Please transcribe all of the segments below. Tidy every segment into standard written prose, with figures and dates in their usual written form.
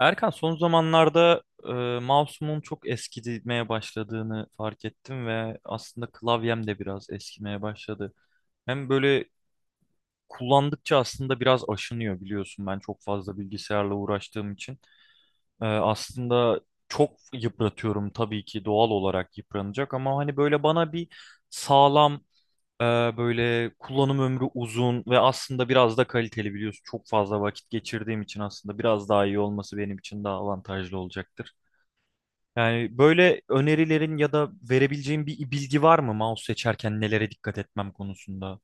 Erkan son zamanlarda e, mouse'umun çok eskimeye başladığını fark ettim ve aslında klavyem de biraz eskimeye başladı. Hem böyle kullandıkça aslında biraz aşınıyor, biliyorsun, ben çok fazla bilgisayarla uğraştığım için. Aslında çok yıpratıyorum, tabii ki doğal olarak yıpranacak ama hani böyle bana bir sağlam, e, böyle kullanım ömrü uzun ve aslında biraz da kaliteli, biliyorsun. Çok fazla vakit geçirdiğim için aslında biraz daha iyi olması benim için daha avantajlı olacaktır. Yani böyle önerilerin ya da verebileceğin bir bilgi var mı mouse seçerken nelere dikkat etmem konusunda?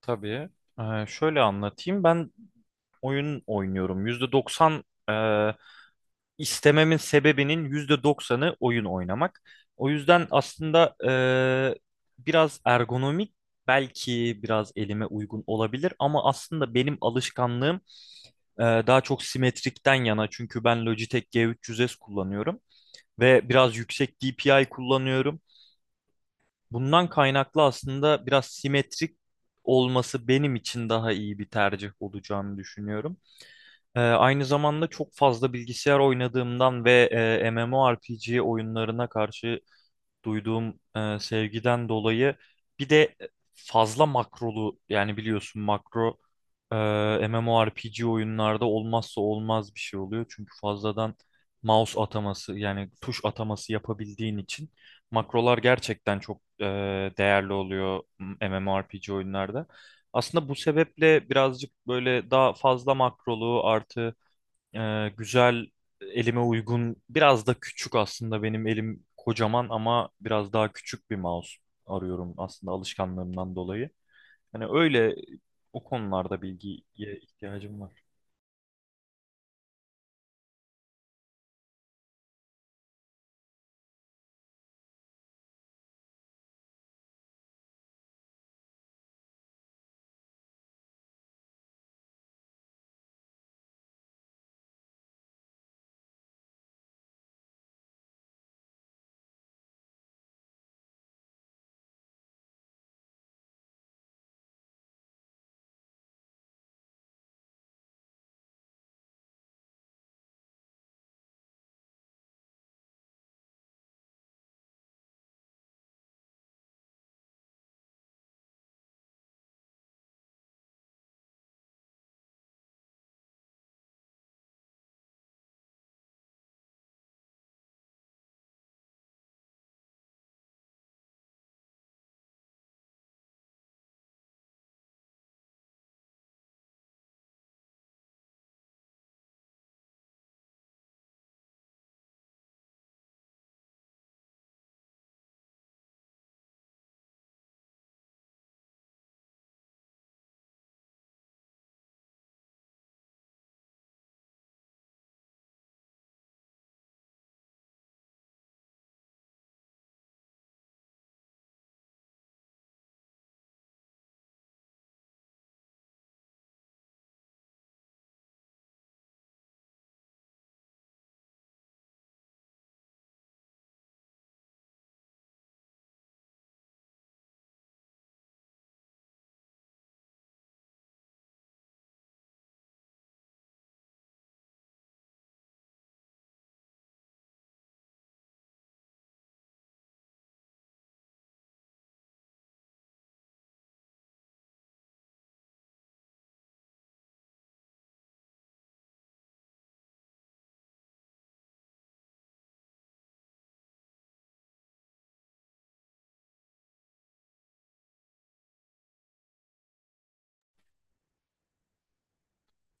Tabii. Şöyle anlatayım. Ben oyun oynuyorum. %90 e, istememin sebebinin %90'ı oyun oynamak. O yüzden aslında biraz ergonomik belki biraz elime uygun olabilir, ama aslında benim alışkanlığım daha çok simetrikten yana, çünkü ben Logitech G300S kullanıyorum. Ve biraz yüksek DPI kullanıyorum. Bundan kaynaklı aslında biraz simetrik olması benim için daha iyi bir tercih olacağını düşünüyorum. Aynı zamanda çok fazla bilgisayar oynadığımdan ve MMORPG oyunlarına karşı duyduğum sevgiden dolayı bir de fazla makrolu, yani biliyorsun, makro e, MMORPG oyunlarda olmazsa olmaz bir şey oluyor. Çünkü fazladan mouse ataması, yani tuş ataması yapabildiğin için makrolar gerçekten çok değerli oluyor MMORPG oyunlarda. Aslında bu sebeple birazcık böyle daha fazla makrolu, artı güzel, elime uygun, biraz da küçük, aslında benim elim kocaman ama biraz daha küçük bir mouse arıyorum aslında alışkanlığımdan dolayı. Hani öyle o konularda bilgiye ihtiyacım var.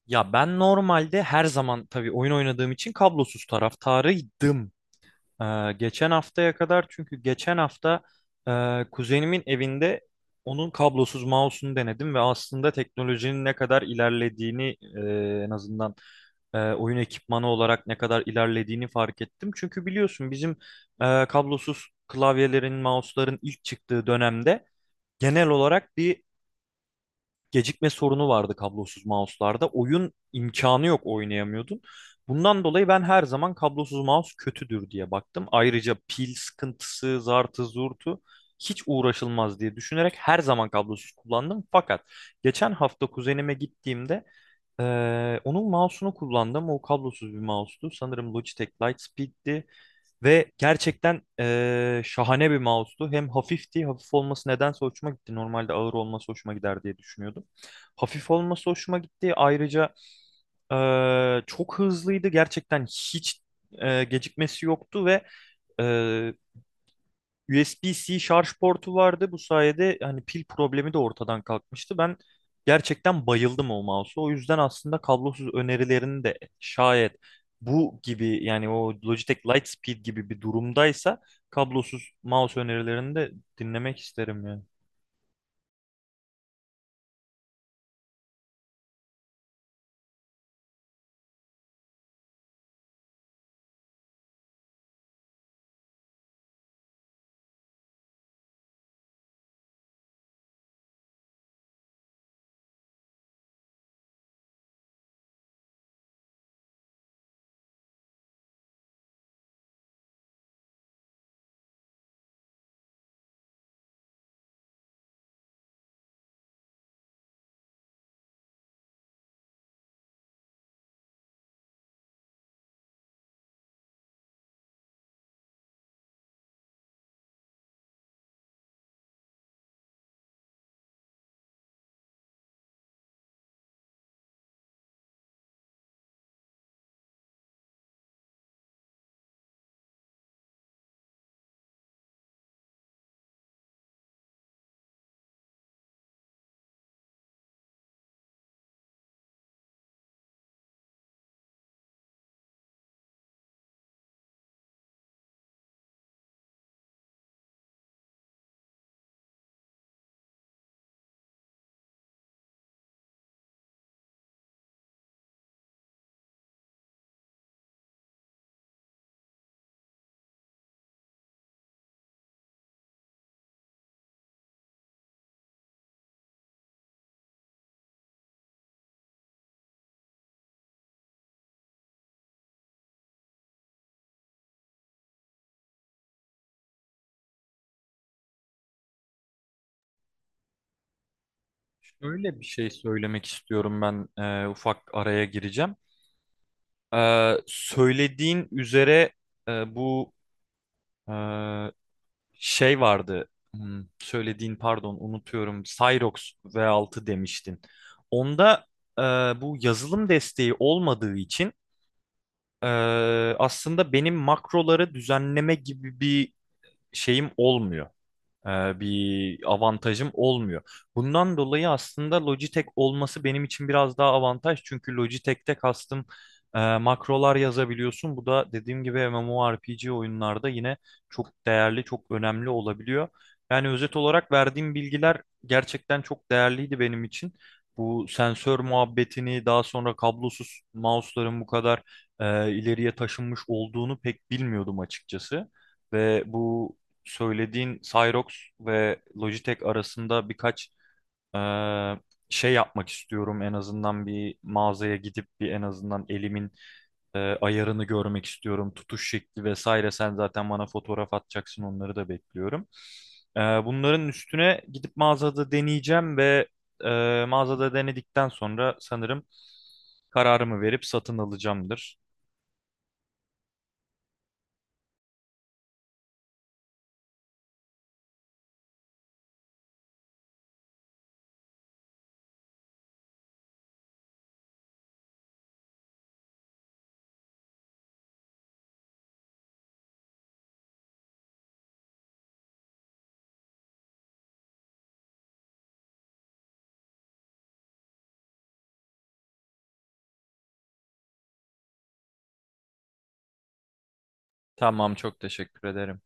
Ya ben normalde her zaman, tabii oyun oynadığım için, kablosuz taraftarıydım. Geçen haftaya kadar, çünkü geçen hafta kuzenimin evinde onun kablosuz mouse'unu denedim ve aslında teknolojinin ne kadar ilerlediğini, en azından oyun ekipmanı olarak ne kadar ilerlediğini fark ettim. Çünkü biliyorsun bizim kablosuz klavyelerin, mouse'ların ilk çıktığı dönemde genel olarak bir gecikme sorunu vardı kablosuz mouse'larda. Oyun imkanı yok, oynayamıyordun. Bundan dolayı ben her zaman kablosuz mouse kötüdür diye baktım. Ayrıca pil sıkıntısı, zartı, zurtu hiç uğraşılmaz diye düşünerek her zaman kablosuz kullandım. Fakat geçen hafta kuzenime gittiğimde onun mouse'unu kullandım. O kablosuz bir mouse'tu. Sanırım Logitech Lightspeed'ti. Ve gerçekten şahane bir mouse'tu. Hem hafifti, hafif olması nedense hoşuma gitti. Normalde ağır olması hoşuma gider diye düşünüyordum. Hafif olması hoşuma gitti. Ayrıca çok hızlıydı. Gerçekten hiç gecikmesi yoktu ve eee, USB-C şarj portu vardı. Bu sayede hani pil problemi de ortadan kalkmıştı. Ben gerçekten bayıldım o mouse'a. O yüzden aslında kablosuz önerilerini de, şayet bu gibi, yani o Logitech Lightspeed gibi bir durumdaysa, kablosuz mouse önerilerini de dinlemek isterim yani. Şöyle bir şey söylemek istiyorum, ben ufak araya gireceğim. Söylediğin üzere bu e, şey vardı. Söylediğin, pardon, unutuyorum. Cyrox V6 demiştin. Onda e, bu yazılım desteği olmadığı için e, aslında benim makroları düzenleme gibi bir şeyim olmuyor, bir avantajım olmuyor. Bundan dolayı aslında Logitech olması benim için biraz daha avantaj. Çünkü Logitech'te kastım, makrolar yazabiliyorsun. Bu da dediğim gibi MMORPG oyunlarda yine çok değerli, çok önemli olabiliyor. Yani özet olarak verdiğim bilgiler gerçekten çok değerliydi benim için. Bu sensör muhabbetini, daha sonra kablosuz mouse'ların bu kadar ileriye taşınmış olduğunu pek bilmiyordum açıkçası. Ve bu söylediğin Cyrox ve Logitech arasında birkaç eee, şey yapmak istiyorum. En azından bir mağazaya gidip bir, en azından elimin ayarını görmek istiyorum. Tutuş şekli vesaire. Sen zaten bana fotoğraf atacaksın. Onları da bekliyorum. Bunların üstüne gidip mağazada deneyeceğim ve mağazada denedikten sonra sanırım kararımı verip satın alacağımdır. Tamam, çok teşekkür ederim.